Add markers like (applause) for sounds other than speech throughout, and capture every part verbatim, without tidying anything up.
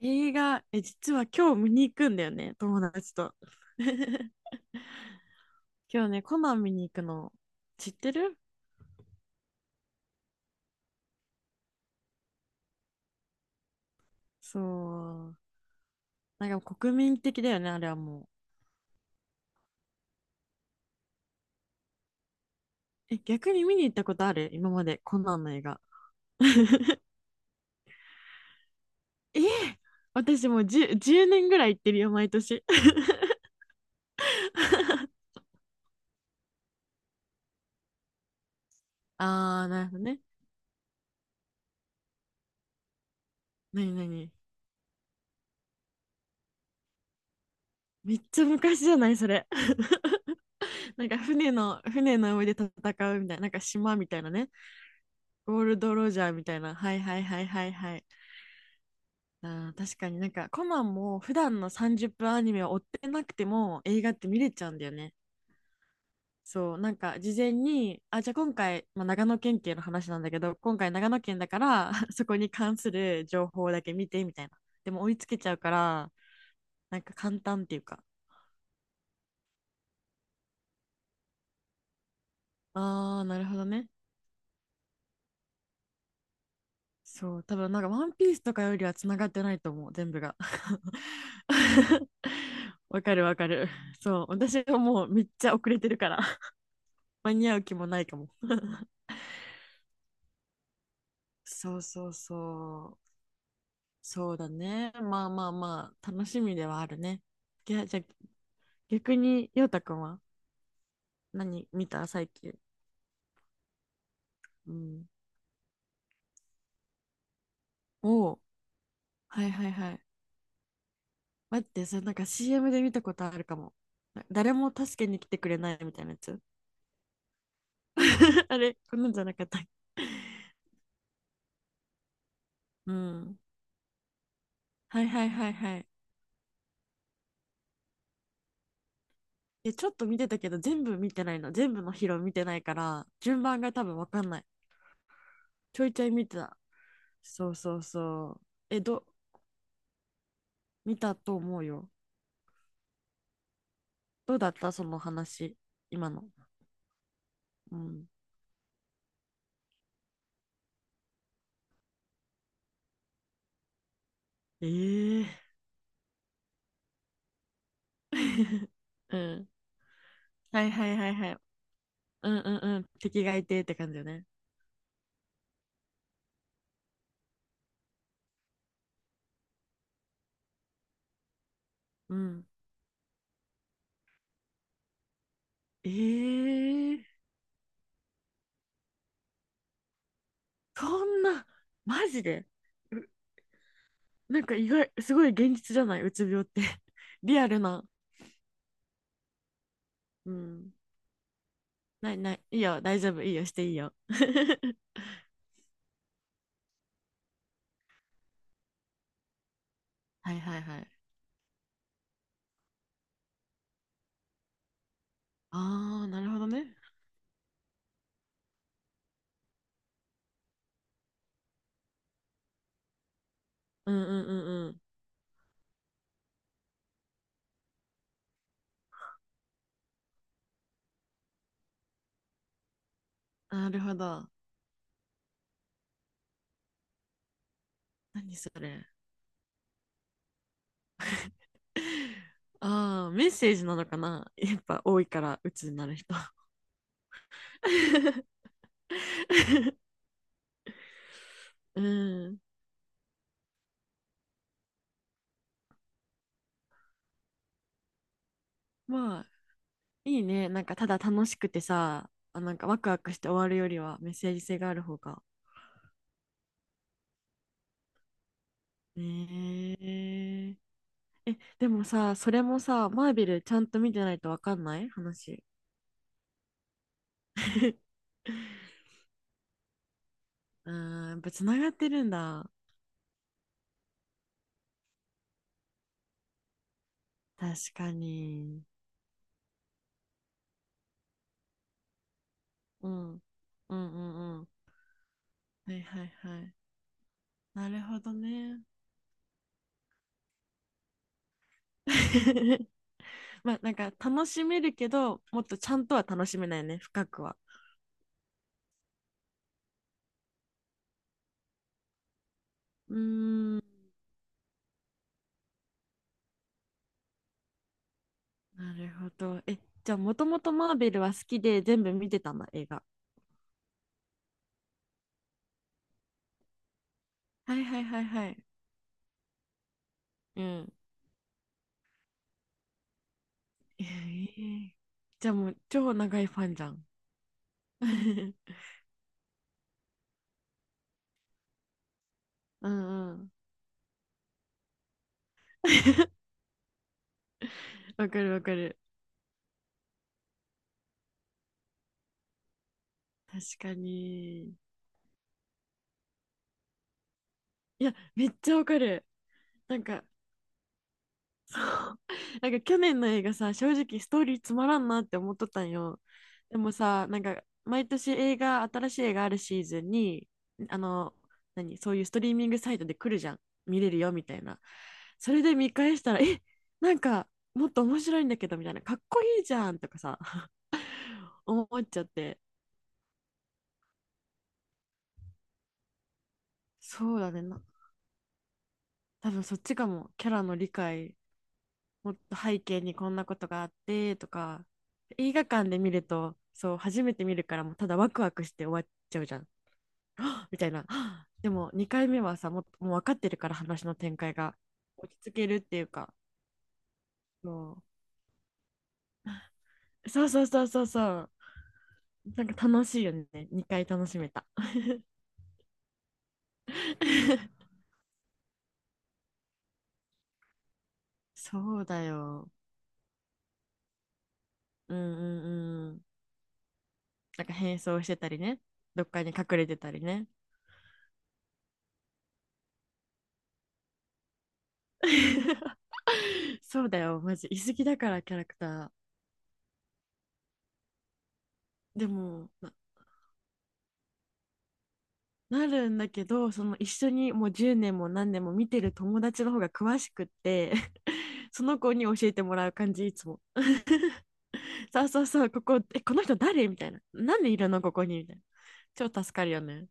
映画、え、実は今日見に行くんだよね、友達と。今日ね、コナン見に行くの。知ってる？そう。なんか国民的だよね、あれはもう。え、逆に見に行ったことある？今まで、コナンの映画。えー私もう じゅう, 年ぐらい行ってるよ、毎年。(laughs) あー、なるほどね。なになに？めっちゃ昔じゃない、それ。(laughs) なんか船の、船の上で戦うみたいな、なんか島みたいなね。ゴールドロジャーみたいな。はいはいはいはいはい。あー確かになんかコナンも普段のさんじゅっぷんアニメを追ってなくても映画って見れちゃうんだよね。そうなんか事前にあじゃあ今回、まあ、長野県警の話なんだけど今回長野県だから (laughs) そこに関する情報だけ見てみたいな。でも追いつけちゃうから、なんか簡単っていうか。ああ、なるほどね。そう、多分なんかワンピースとかよりはつながってないと思う、全部が。(laughs) わかるわかる。そう、私はもうめっちゃ遅れてるから、間に合う気もないかも。そうそうそう。そうだね。まあまあまあ、楽しみではあるね。いや、じゃあ逆に、ようたくんは何見た最近？うん。おお、はいはいはい。待って、それなんか シーエム で見たことあるかも。な誰も助けに来てくれないみたいなやつ。(laughs) あれ、こんなんじゃなかったっけ。(laughs) うん。はいはいはいはい。え、ちょっと見てたけど、全部見てないの。全部のヒロ見てないから、順番が多分わかんない。ちょいちょい見てた。そうそうそう。え、ど、見たと思うよ。どうだったその話、今の？うん。えー、(laughs) うん。はいはいはいはい。うんうんうん。敵がいてって感じよね。うん。えー、そんな、マジで？うなんか意外、すごい現実じゃないうつ病って。(laughs) リアルな。うん。ないない。いいよ、大丈夫。いいよ、していいよ。(laughs) はいはいはい。ああ、なるほどね。うんうんうんうん。なるほど。何それ？(laughs) ああ、メッセージなのかな？ (laughs) やっぱ多いから、鬱になる人。(laughs) うん。まあ、いいね。なんか、ただ楽しくてさ、あ、なんかワクワクして終わるよりはメッセージ性がある方が。ねえ。でもさ、それもさ、マーベルちゃんと見てないとわかんない話。(laughs) うん、やっぱつながってるんだ。確かに。うん。うんうんうん。はいはいはい。なるほどね。(laughs) まあなんか楽しめるけど、もっとちゃんとは楽しめないね、深くは。うーん。なるほど。えじゃあもともとマーベルは好きで全部見てたんだ、映画。はいはいはいはい。うん。 (laughs) えーじゃあもう超長いファンじゃん。 (laughs) うんうん。 (laughs) わかるわかる。確かに。いやめっちゃわかる。なんか (laughs) なんか去年の映画さ、正直ストーリーつまらんなって思っとったんよ。でもさ、なんか毎年映画、新しい映画あるシーズンに、あの、何、そういうストリーミングサイトで来るじゃん。見れるよみたいな。それで見返したら、え、なんかもっと面白いんだけどみたいな、かっこいいじゃんとかさ、(laughs) 思っちゃって。そうだねな。多分そっちかも。キャラの理解、もっと背景にこんなことがあってとか。映画館で見るとそう、初めて見るからもうただワクワクして終わっちゃうじゃん。 (gasps) みたいな。 (gasps) でもにかいめはさ、もうもう分かってるから話の展開が落ち着けるっていうか。そうそうそうそうそうそう。なんか楽しいよね、にかい楽しめた。 (laughs) そうだよ。うんうんうん。なんか変装してたりね。どっかに隠れてたりね。 (laughs) そうだよ、マジ居すぎだから、キャラクターでも。なるんだけど、その一緒にもうじゅうねんも何年も見てる友達の方が詳しくって (laughs)、その子に教えてもらう感じ、いつも。そうそうそう、ここ、え、この人誰みたいな。なんでいるのここに、みたいな。超助かるよね。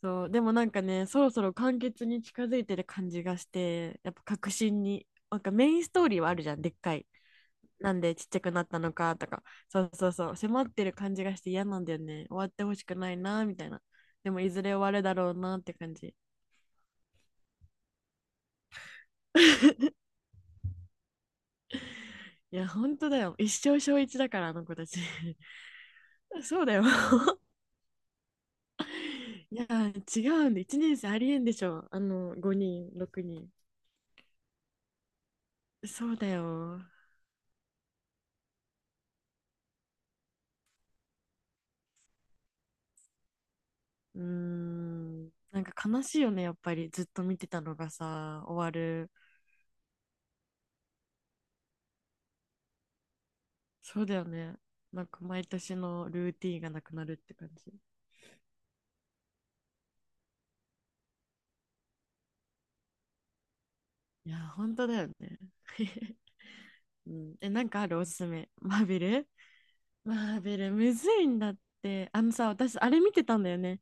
そう、でもなんかね、そろそろ完結に近づいてる感じがして、やっぱ確信に、なんかメインストーリーはあるじゃん、でっかい。なんでちっちゃくなったのかとか、そうそうそう、迫ってる感じがして嫌なんだよね。終わってほしくないな、みたいな。でもいずれ終わるだろうなって感じ。いや、本当だよ。一生小一だから、あの子たち (laughs)。そうだよ (laughs)。いや、違うんで、いちねん生ありえんでしょ。あの、ごにん、ろくにん。そうだよ。うーん。なんか悲しいよね、やっぱり。ずっと見てたのがさ、終わる。そうだよね。なんか毎年のルーティンがなくなるって感じ。いや、本当だよね。(laughs) うん、え、なんかあるおすすめ？マーベルマーベル、むずいんだって。あのさ、私、あれ見てたんだよね。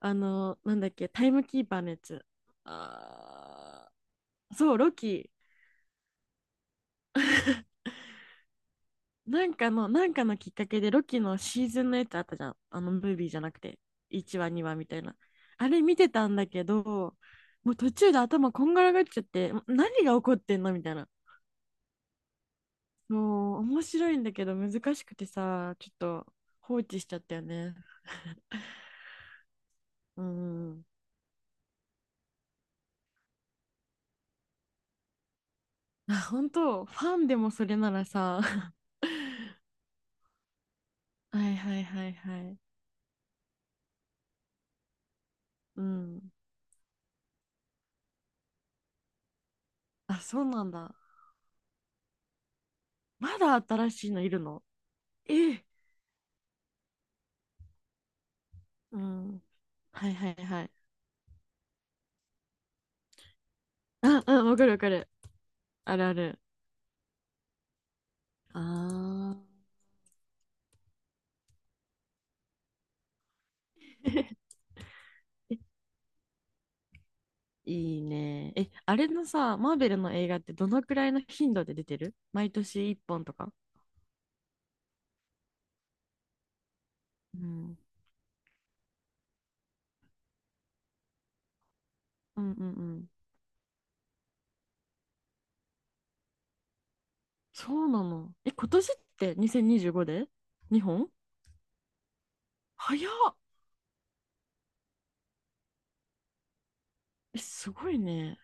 あの、なんだっけ、タイムキーパーのやつ。あーそう、ロキ。なんかの、なんかのきっかけで、ロキのシーズンのやつあったじゃん。あの、ムービーじゃなくて。いちわ、にわみたいな。あれ見てたんだけど、もう途中で頭こんがらがっちゃって、何が起こってんのみたいな。もう、面白いんだけど難しくてさ、ちょっと放置しちゃったよね。うん。あ、本当？ファンでもそれならさ。(laughs) はいはいはいはい。うん。あ、そうなんだ。まだ新しいのいるの？ええ。うん。はいはいはい。あ、うん、わかるわかる。あるある。ああ。(laughs) いいね。え、あれのさ、マーベルの映画ってどのくらいの頻度で出てる？毎年いっぽんとか？うん。うんうんうん。そうなの？え、今年ってにせんにじゅうごで？ に 本？早っ。え、すごいね。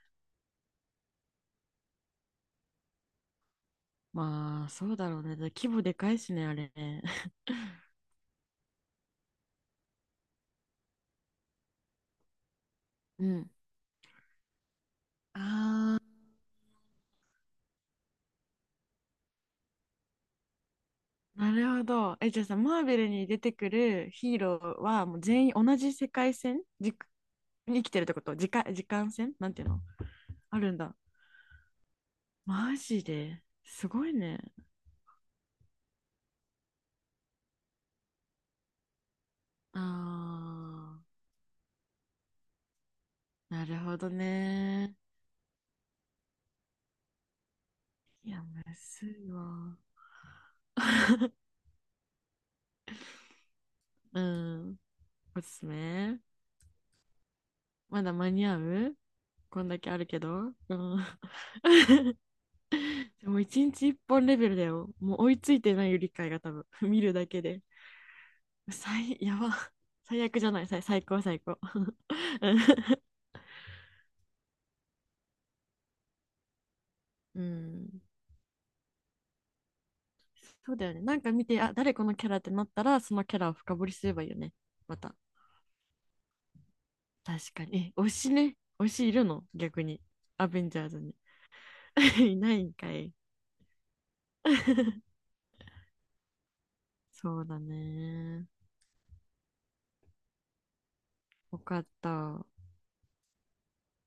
まあ、そうだろうね。だから規模でかいしね、あれね。(laughs) うん。(laughs) ああ。なるほど。え、じゃあさ、マーベルに出てくるヒーローはもう全員同じ世界線じに生きてるってこと？時間、時間線なんていうの？あるんだ。マジですごいね。あー、なるほどね。いや、むずいわ。うん。おすすめ？まだ間に合う？こんだけあるけど。うん。(laughs) でも一日一本レベルだよ。もう追いついてないよ、理解が多分。(laughs) 見るだけで。最、やば。最悪じゃない、最、最高、最高。うん。(laughs) そうだよね。なんか見て、あ、誰このキャラってなったら、そのキャラを深掘りすればいいよね。また。確かに。え、推しね。推しいるの？逆に。アベンジャーズに。(laughs) いないんかい。(laughs) そうだね。よかった。